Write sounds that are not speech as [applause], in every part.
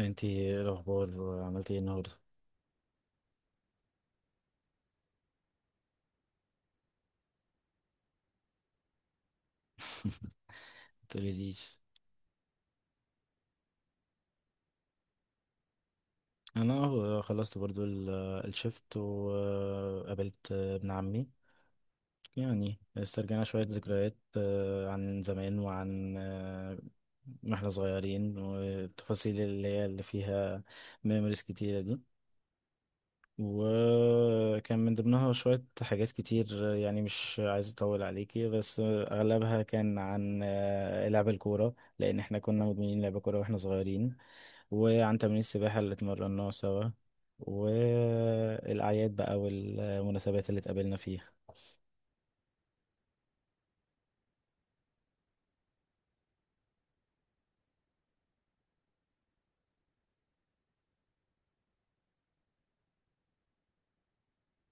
انتي ايه الاخبار؟ عملتي ايه النهارده؟ [laughs] متقوليليش. انا اهو خلصت برضو الشفت وقابلت ابن عمي. يعني استرجعنا شوية ذكريات، عن زمان وعن، ما احنا صغيرين والتفاصيل اللي هي اللي فيها ميموريز كتيرة دي. وكان من ضمنها شوية حاجات كتير، يعني مش عايز أطول عليكي، بس أغلبها كان عن لعب الكورة، لأن احنا كنا مدمنين لعب كورة واحنا صغيرين. وعن تمرين السباحة اللي اتمرناه سوا، والأعياد بقى والمناسبات اللي اتقابلنا فيها.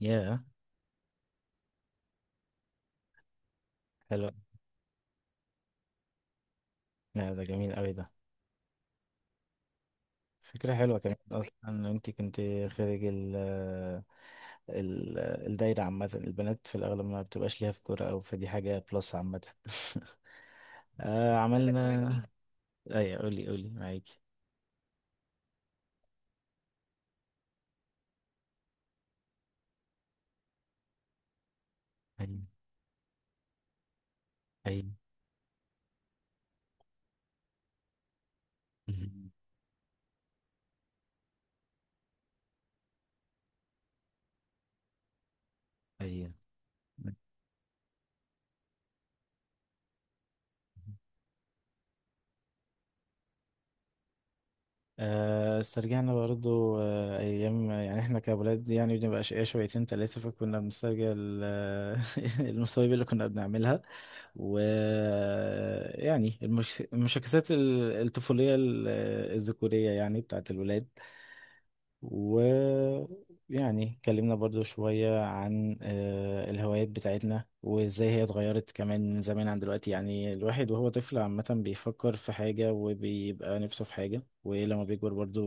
ياه. حلو. لا ده جميل أوي ده. فكرة حلوة كمان، أصلا أنت كنت خارج الدايرة، عامة البنات في الأغلب ما بتبقاش ليها في كورة أو فدي حاجة بلس عامة. [laughs] آه اقول لك عملنا بقى. أيوة قولي قولي معاكي. أيوة أيوة. [laughs] أيوة. استرجعنا برضو، أيام يعني إحنا كأولاد يعني بنبقى أشقياء شويتين تلاتة، فكنا بنسترجع [laughs] المصايب اللي كنا بنعملها ويعني المشاكسات الطفولية، الذكورية يعني، بتاعت الولاد. ويعني اتكلمنا برضو شوية عن الهوايات بتاعتنا وازاي هي اتغيرت كمان من زمان عن دلوقتي. يعني الواحد وهو طفل عامة بيفكر في حاجة وبيبقى نفسه في حاجة، ولما بيكبر برضو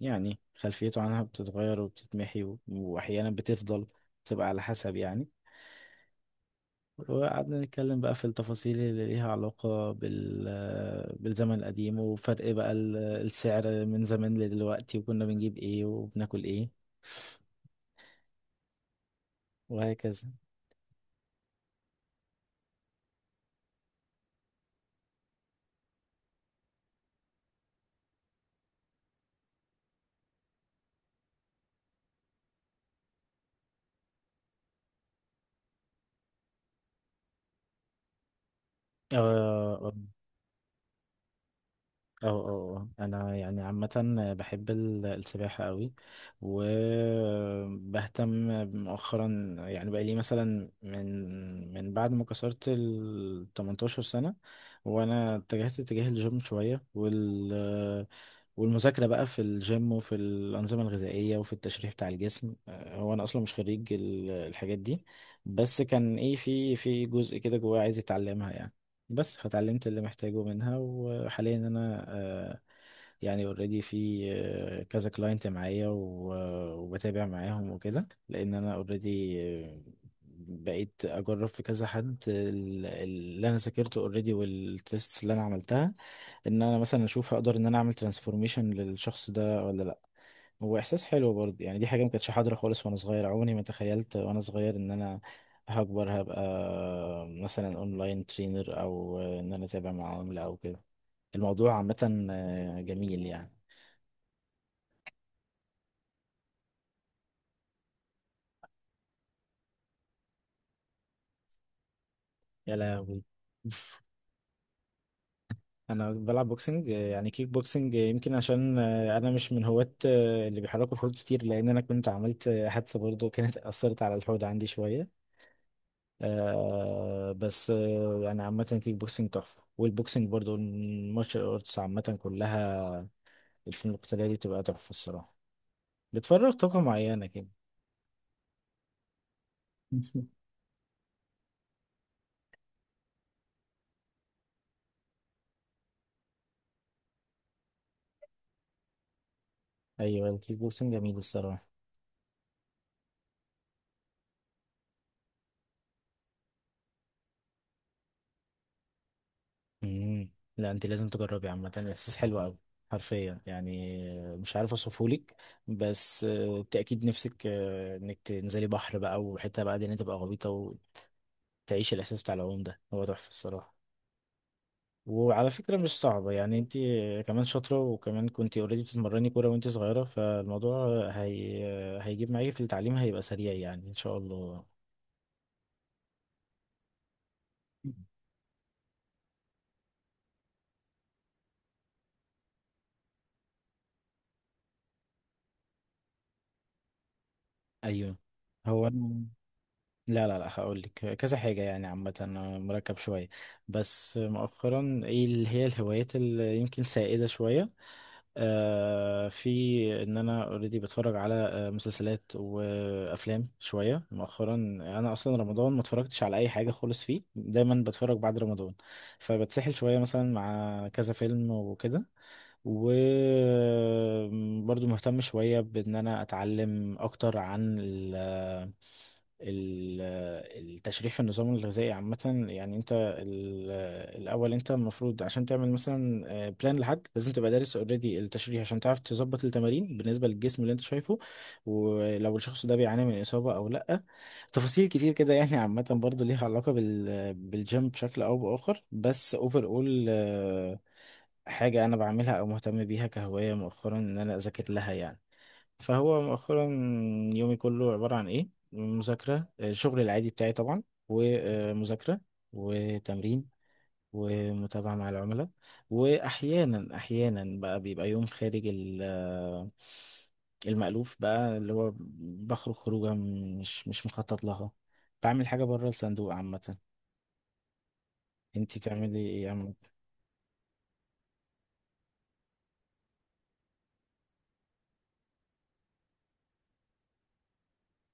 يعني خلفيته عنها بتتغير وبتتمحي وأحيانا بتفضل، تبقى على حسب يعني. وقعدنا نتكلم بقى في التفاصيل اللي ليها علاقة بالزمن القديم وفرق بقى السعر من زمان لدلوقتي وكنا بنجيب ايه وبناكل ايه وهكذا. اه اه اه. آه. انا يعني عامة بحب السباحة قوي، وبهتم مؤخرا يعني بقى لي مثلا من بعد ما كسرت ال 18 سنة. وانا اتجهت اتجاه الجيم شوية والمذاكرة بقى في الجيم وفي الأنظمة الغذائية وفي التشريح بتاع الجسم. هو أنا أصلا مش خريج الحاجات دي، بس كان إيه، في جزء كده جوايا عايز أتعلمها يعني، بس فتعلمت اللي محتاجه منها. وحاليا انا، يعني اوريدي في كذا كلاينت معايا وبتابع معاهم وكده، لان انا اوريدي بقيت اجرب في كذا حد اللي انا ذاكرته اوريدي والتيست اللي انا عملتها، ان انا مثلا اشوف هقدر ان انا اعمل ترانسفورميشن للشخص ده ولا. هو احساس حلو برضه يعني، دي حاجه ما كانتش حاضره خالص وانا صغير، عمري ما تخيلت وانا صغير ان انا هكبر هبقى مثلا اونلاين ترينر، او ان انا اتابع مع عملاء او كده. الموضوع عامه جميل يعني. يا لهوي. انا بلعب بوكسنج، يعني كيك بوكسنج، يمكن عشان انا مش من هواة اللي بيحركوا الحوض كتير، لان انا كنت عملت حادثه برضه كانت اثرت على الحوض عندي شويه. آه بس آه يعني عامة الكيك بوكسنج تحفة، والبوكسنج برضو، المارشال ارتس عامة كلها، الفنون القتالية دي بتبقى تحفة الصراحة، بتفرغ طاقة معينة كده. ايوه الكيك بوكسنج جميل الصراحة. مم. لا انت لازم تجربي، عامة الاحساس حلو قوي، حرفيا يعني، مش عارف اوصفهولك. بس آه، انت اكيد نفسك، انك تنزلي بحر بقى، وحتة بقى دي إن أنت تبقى غويطة وتعيشي الاحساس بتاع العوم ده، هو تحفة الصراحة. وعلى فكرة مش صعبة يعني، انت كمان شاطرة، وكمان كنت اوريدي بتتمرني كورة وانت صغيرة، فالموضوع هي هيجيب معاكي في التعليم، هيبقى سريع يعني ان شاء الله. ايوه هو انا. لا هقول لك، كذا حاجة يعني، عامة أنا مركب شوية. بس مؤخرا ايه اللي هي الهوايات اللي يمكن سائدة شوية؟ آه، في ان انا اوريدي بتفرج على مسلسلات وافلام شوية مؤخرا. انا اصلا رمضان ما اتفرجتش على اي حاجة خالص، فيه دايما بتفرج بعد رمضان، فبتسحل شوية مثلا مع كذا فيلم وكده. وبرضو مهتم شوية بإن أنا أتعلم أكتر عن ال- التشريح في النظام الغذائي عامة. يعني انت ال- الأول انت المفروض عشان تعمل مثلا بلان لحد، لازم تبقى دارس اوريدي التشريح عشان تعرف تظبط التمارين بالنسبة للجسم اللي انت شايفه، ولو الشخص ده بيعاني من إصابة أو لأ. تفاصيل كتير كده يعني، عامة برضه ليها علاقة بالجيم بشكل أو بآخر، بس اوفر اول حاجة أنا بعملها أو مهتم بيها كهواية مؤخرا، إن أنا أذاكر لها يعني. فهو مؤخرا يومي كله عبارة عن إيه؟ مذاكرة، الشغل العادي بتاعي طبعا، ومذاكرة، وتمرين، ومتابعة مع العملاء. وأحيانا بقى بيبقى يوم خارج المألوف بقى، اللي هو بخرج خروجة مش مخطط لها، بعمل حاجة بره الصندوق عامة. انتي بتعملي ايه؟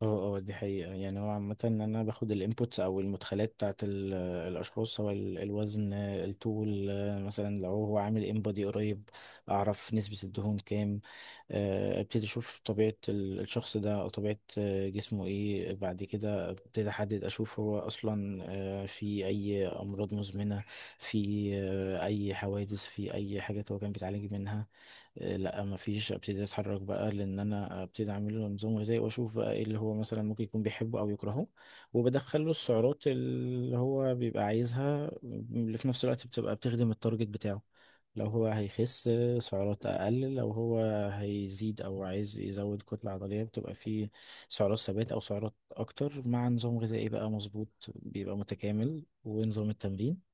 اه اه، دي حقيقة يعني، هو عامة ان انا باخد الانبوتس او المدخلات بتاعت الاشخاص، سواء الوزن، الطول، مثلا لو هو عامل ان بودي قريب، اعرف نسبة الدهون كام. ابتدي اشوف طبيعة الشخص ده او طبيعة جسمه ايه. بعد كده ابتدي احدد اشوف هو اصلا في اي امراض مزمنة، في اي حوادث، في اي حاجات هو كان بيتعالج منها. إيه، لا ما فيش، ابتدي اتحرك بقى، لان انا ابتدي اعمل له نظام غذائي واشوف بقى ايه اللي هو مثلا ممكن يكون بيحبه او يكرهه، وبدخل له السعرات اللي هو بيبقى عايزها اللي في نفس الوقت بتبقى بتخدم التارجت بتاعه. لو هو هيخس، سعرات اقل، لو هو هيزيد او عايز يزود كتلة عضلية، بتبقى فيه سعرات ثبات او سعرات اكتر، مع نظام غذائي بقى مظبوط بيبقى متكامل ونظام التمرين،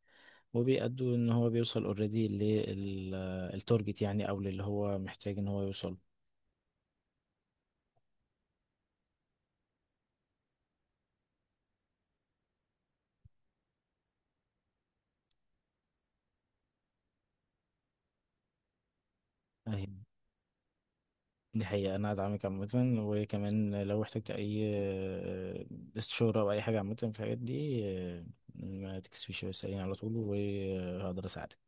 وبيأدوا ان هو بيوصل اوريدي للتارجت يعني، او للي هو محتاج ان هو يوصل. اهي. دي حقيقة، انا ادعمك عامة، وكمان لو احتجت اي استشارة او اي حاجة عامة في الحاجات دي، ما تكسفيش واسأليني على طول وهقدر اساعدك.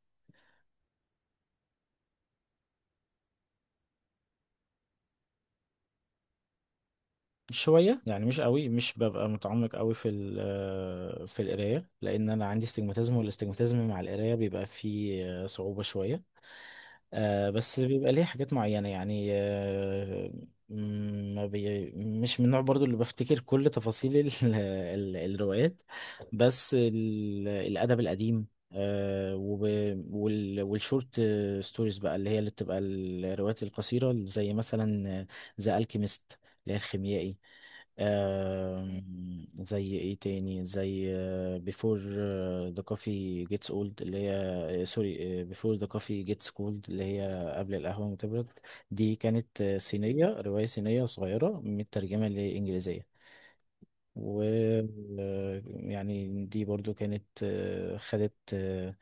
شوية يعني، مش قوي، مش ببقى متعمق قوي في في القراية، لان انا عندي استجماتيزم والاستجماتيزم مع القراية بيبقى فيه صعوبة شوية. آه بس بيبقى ليه حاجات معينة يعني آه. ما بي مش من النوع برضو اللي بفتكر كل تفاصيل [laughs] الروايات، بس الأدب القديم آه والشورت ستوريز بقى، اللي هي اللي بتبقى الروايات القصيرة، زي مثلا ذا الكيميست اللي هي الخيميائي. آه، زي ايه تاني، زي بيفور ذا كوفي جيتس اولد، اللي هي سوري، بيفور ذا كوفي جيتس كولد، اللي هي قبل القهوة ما تبرد. دي كانت صينية، رواية صينية صغيرة مترجمة لإنجليزية. و يعني دي برضو كانت،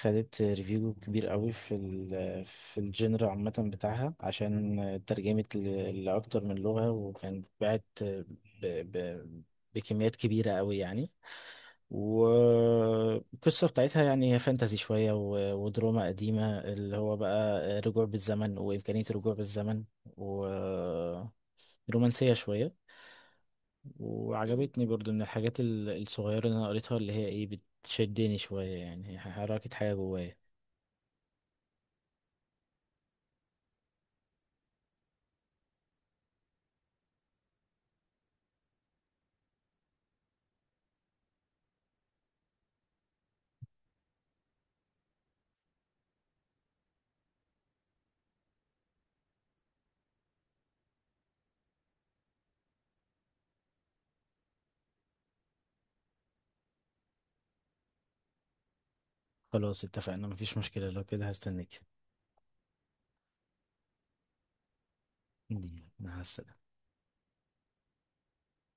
خدت ريفيو كبير قوي في في الجنر عامة بتاعها، عشان ترجمت لأكتر من لغة، وكانت باعت ب- ب- بكميات كبيرة قوي يعني. والقصة بتاعتها يعني هي فانتازي شوية ودراما قديمة، اللي هو بقى رجوع بالزمن وإمكانية الرجوع بالزمن، ورومانسية شوية. وعجبتني برضو، من الحاجات الصغيرة اللي أنا قريتها، اللي هي إيه، بتشدني شوية يعني، هي حركت حاجة جوايا. خلاص اتفقنا، مفيش مشكلة، لو كده هستناك. مع السلامة.